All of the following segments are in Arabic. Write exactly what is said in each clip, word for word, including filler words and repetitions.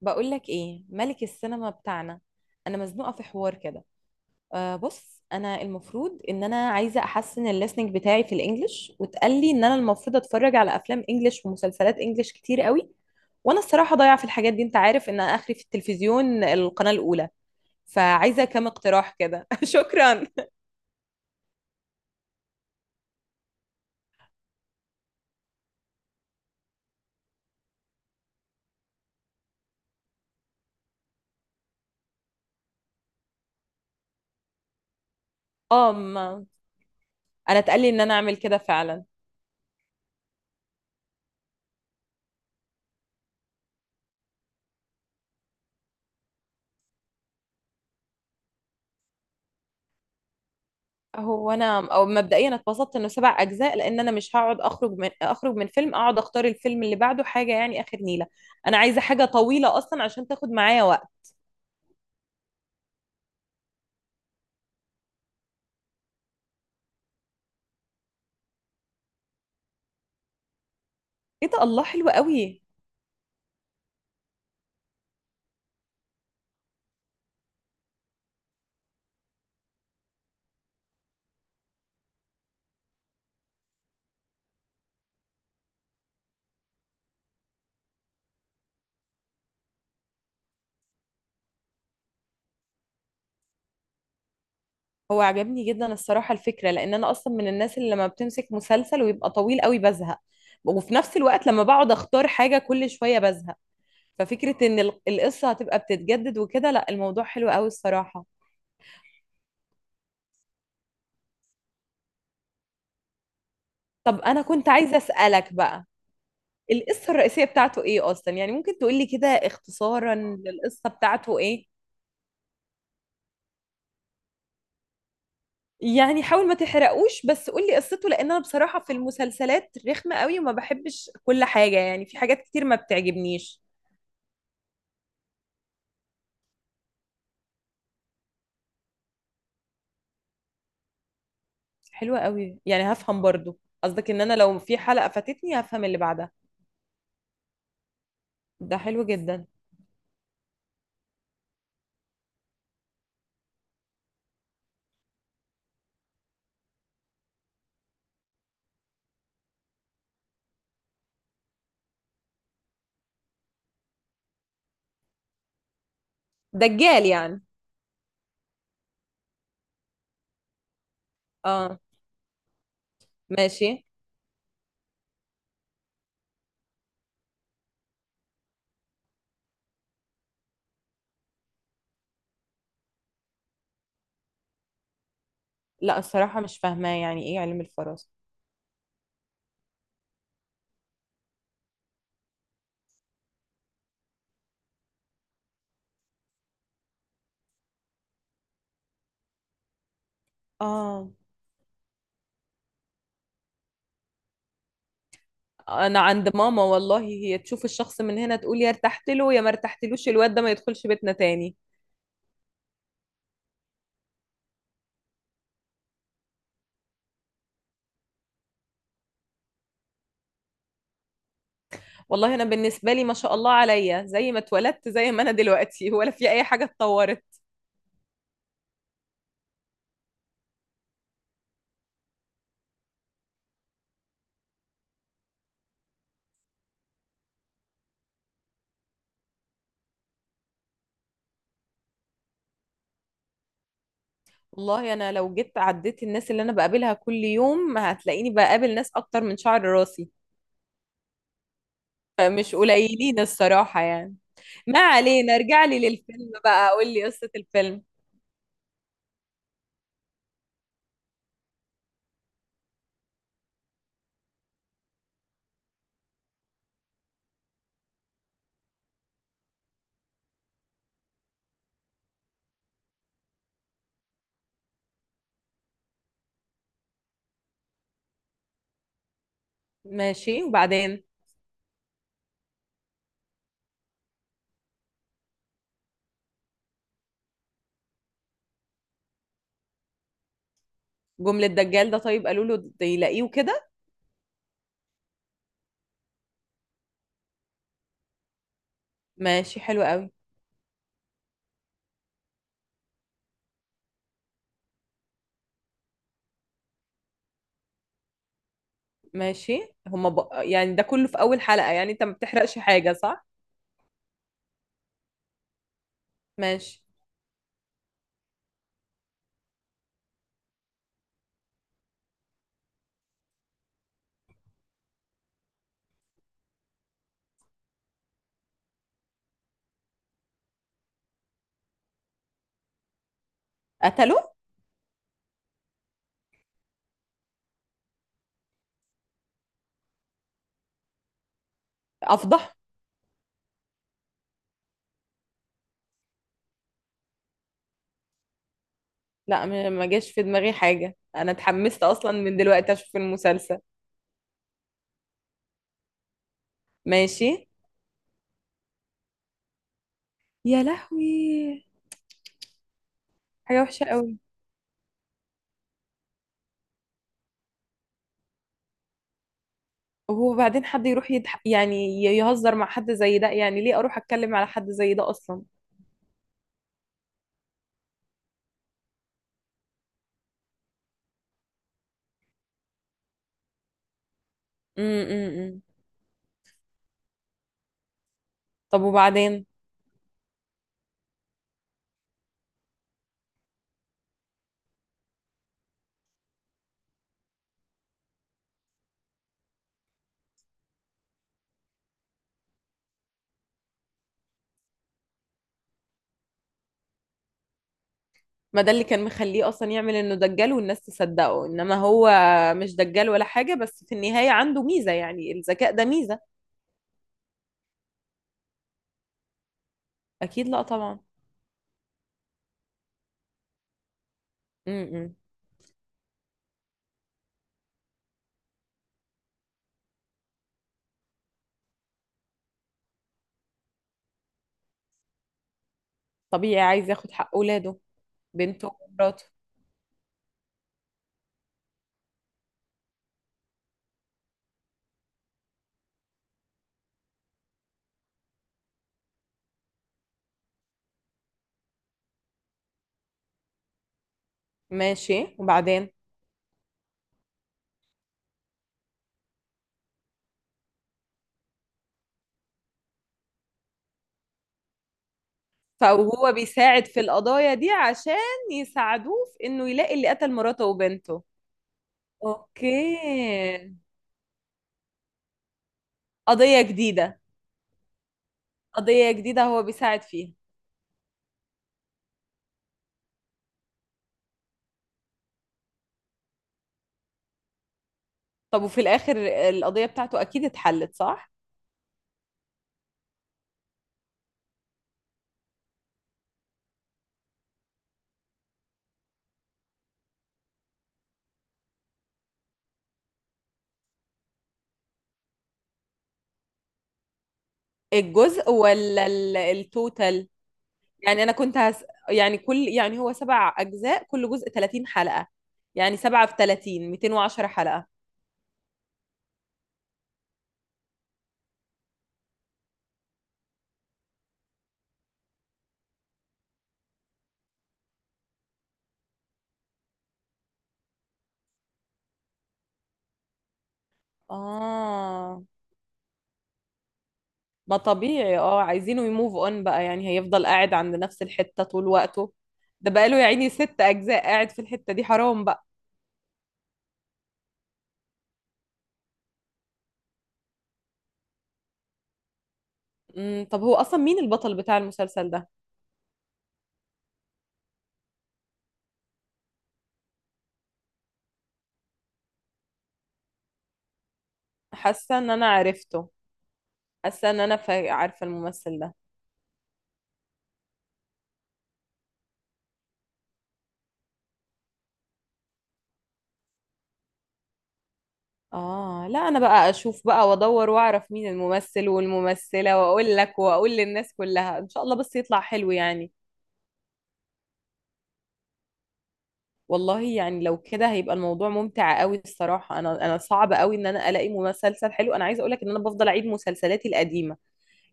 بقولك ايه ملك السينما بتاعنا؟ انا مزنوقه في حوار كده. أه بص، انا المفروض ان انا عايزه احسن الليسننج بتاعي في الانجليش، واتقال لي ان انا المفروض اتفرج على افلام انجليش ومسلسلات انجليش كتير قوي. وانا الصراحه ضايعه في الحاجات دي، انت عارف ان أنا اخري في التلفزيون القناه الاولى. فعايزه كام اقتراح كده شكرا. اه ما- انا اتقال لي ان انا اعمل كده فعلا. هو انا او مبدئيا اتبسطت انه سبع اجزاء، لان انا مش هقعد اخرج من اخرج من فيلم اقعد اختار الفيلم اللي بعده حاجه، يعني اخر نيله. انا عايزه حاجه طويله اصلا عشان تاخد معايا وقت. ايه ده، الله حلو قوي. هو عجبني جدا الصراحه الفكره، لان انا اصلا من الناس اللي لما بتمسك مسلسل ويبقى طويل قوي بزهق، وفي نفس الوقت لما بقعد اختار حاجه كل شويه بزهق. ففكره ان ال- القصه هتبقى بتتجدد وكده، لا الموضوع حلو قوي الصراحه. طب انا كنت عايزه اسالك بقى، القصة الرئيسية بتاعته ايه اصلا؟ يعني ممكن تقولي كده اختصارا للقصة بتاعته ايه. يعني حاول ما تحرقوش بس قولي قصته، لان انا بصراحة في المسلسلات رخمة قوي وما بحبش كل حاجة، يعني في حاجات كتير ما بتعجبنيش. حلوة قوي، يعني هفهم برضو قصدك ان انا لو في حلقة فاتتني هفهم اللي بعدها. ده حلو جدا. دجال يعني. اه. ماشي. لا الصراحة مش فاهمة يعني ايه علم الفراسة. اه. انا عند ماما والله، هي تشوف الشخص من هنا تقول يا ارتحت له يا ما ارتحتلوش الواد ده ما يدخلش بيتنا تاني. والله انا بالنسبه لي ما شاء الله عليا زي ما اتولدت زي ما انا دلوقتي، ولا في اي حاجه اتطورت. والله انا لو جيت عديت الناس اللي انا بقابلها كل يوم هتلاقيني بقابل ناس اكتر من شعر راسي. مش قليلين الصراحه يعني. ما علينا، ارجع لي للفيلم بقى قول لي قصه الفيلم. ماشي، وبعدين؟ جمله دجال ده، طيب قالوا له يلاقيه كده؟ ماشي حلو قوي. ماشي. هما ب... يعني ده كله في اول حلقة، يعني انت ما بتحرقش حاجة صح؟ ماشي. قتله؟ افضح. لا م- ما جاش في دماغي حاجة، انا اتحمست اصلا من دلوقتي اشوف المسلسل. ماشي. يا لهوي. حاجة وحشة قوي. وبعدين حد يروح يضح... يعني ي- يهزر مع حد زي ده؟ يعني ليه اروح اتكلم على حد زي ده اصلا. امم. طب وبعدين؟ ما ده اللي كان مخليه اصلا يعمل انه دجال والناس تصدقه، انما هو مش دجال ولا حاجة، بس في النهاية عنده ميزة، يعني الذكاء ده ميزة. اكيد لا طبعا. امم. طبيعي عايز ياخد حق اولاده، بنته ومراته. ماشي، وبعدين؟ فهو بيساعد في القضايا دي عشان يساعدوه في انه يلاقي اللي قتل مراته وبنته. اوكي. قضية جديدة. قضية جديدة هو بيساعد فيها. طب وفي الاخر القضية بتاعته اكيد اتحلت صح؟ الجزء ولا ال- التوتال؟ يعني انا كنت هس... يعني كل يعني هو سبع اجزاء كل جزء ثلاثين حلقة؟ يعني سبعة في 30، مئتين وعشرة حلقة. اه. ما طبيعي، اه عايزينه يموف اون بقى، يعني هيفضل قاعد عند نفس الحتة طول وقته؟ ده بقاله يا عيني ست اجزاء قاعد في الحتة دي، حرام بقى. امم. طب هو اصلا مين البطل بتاع المسلسل ده؟ حاسة ان انا عرفته. حاسة ان انا فا- عارفة الممثل ده. اه لا انا بقى اشوف بقى وادور واعرف مين الممثل والممثلة، واقول لك واقول للناس كلها، ان شاء الله بس يطلع حلو يعني. والله يعني لو كده هيبقى الموضوع ممتع قوي الصراحة. انا انا صعب قوي ان انا الاقي مسلسل حلو. انا عايزة اقولك ان انا بفضل اعيد مسلسلاتي القديمة.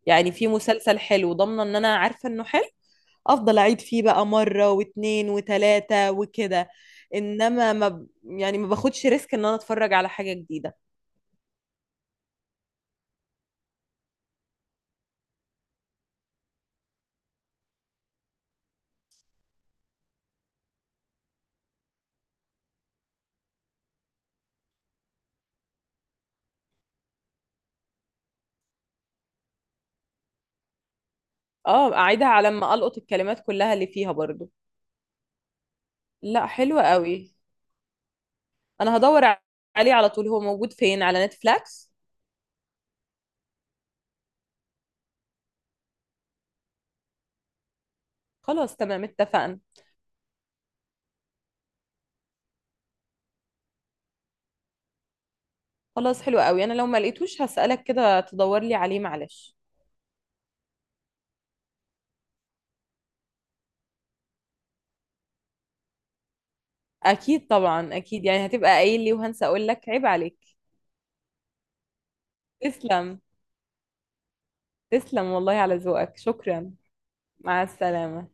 يعني في مسلسل حلو ضامنة ان انا عارفة انه حلو، افضل اعيد فيه بقى مرة واتنين وتلاتة وكده. انما ما ب... يعني ما باخدش ريسك ان انا اتفرج على حاجة جديدة. اه، اعيدها على ما القط الكلمات كلها اللي فيها برضو. لا حلو قوي. انا هدور عليه على طول، هو موجود فين؟ على نتفليكس؟ خلاص تمام اتفقنا. خلاص حلو قوي، انا لو ما لقيتوش هسألك كده تدور لي عليه، معلش. اكيد طبعا، اكيد يعني هتبقى قايل لي وهنسى اقول لك، عيب عليك. تسلم. تسلم والله على ذوقك، شكرا. مع السلامة.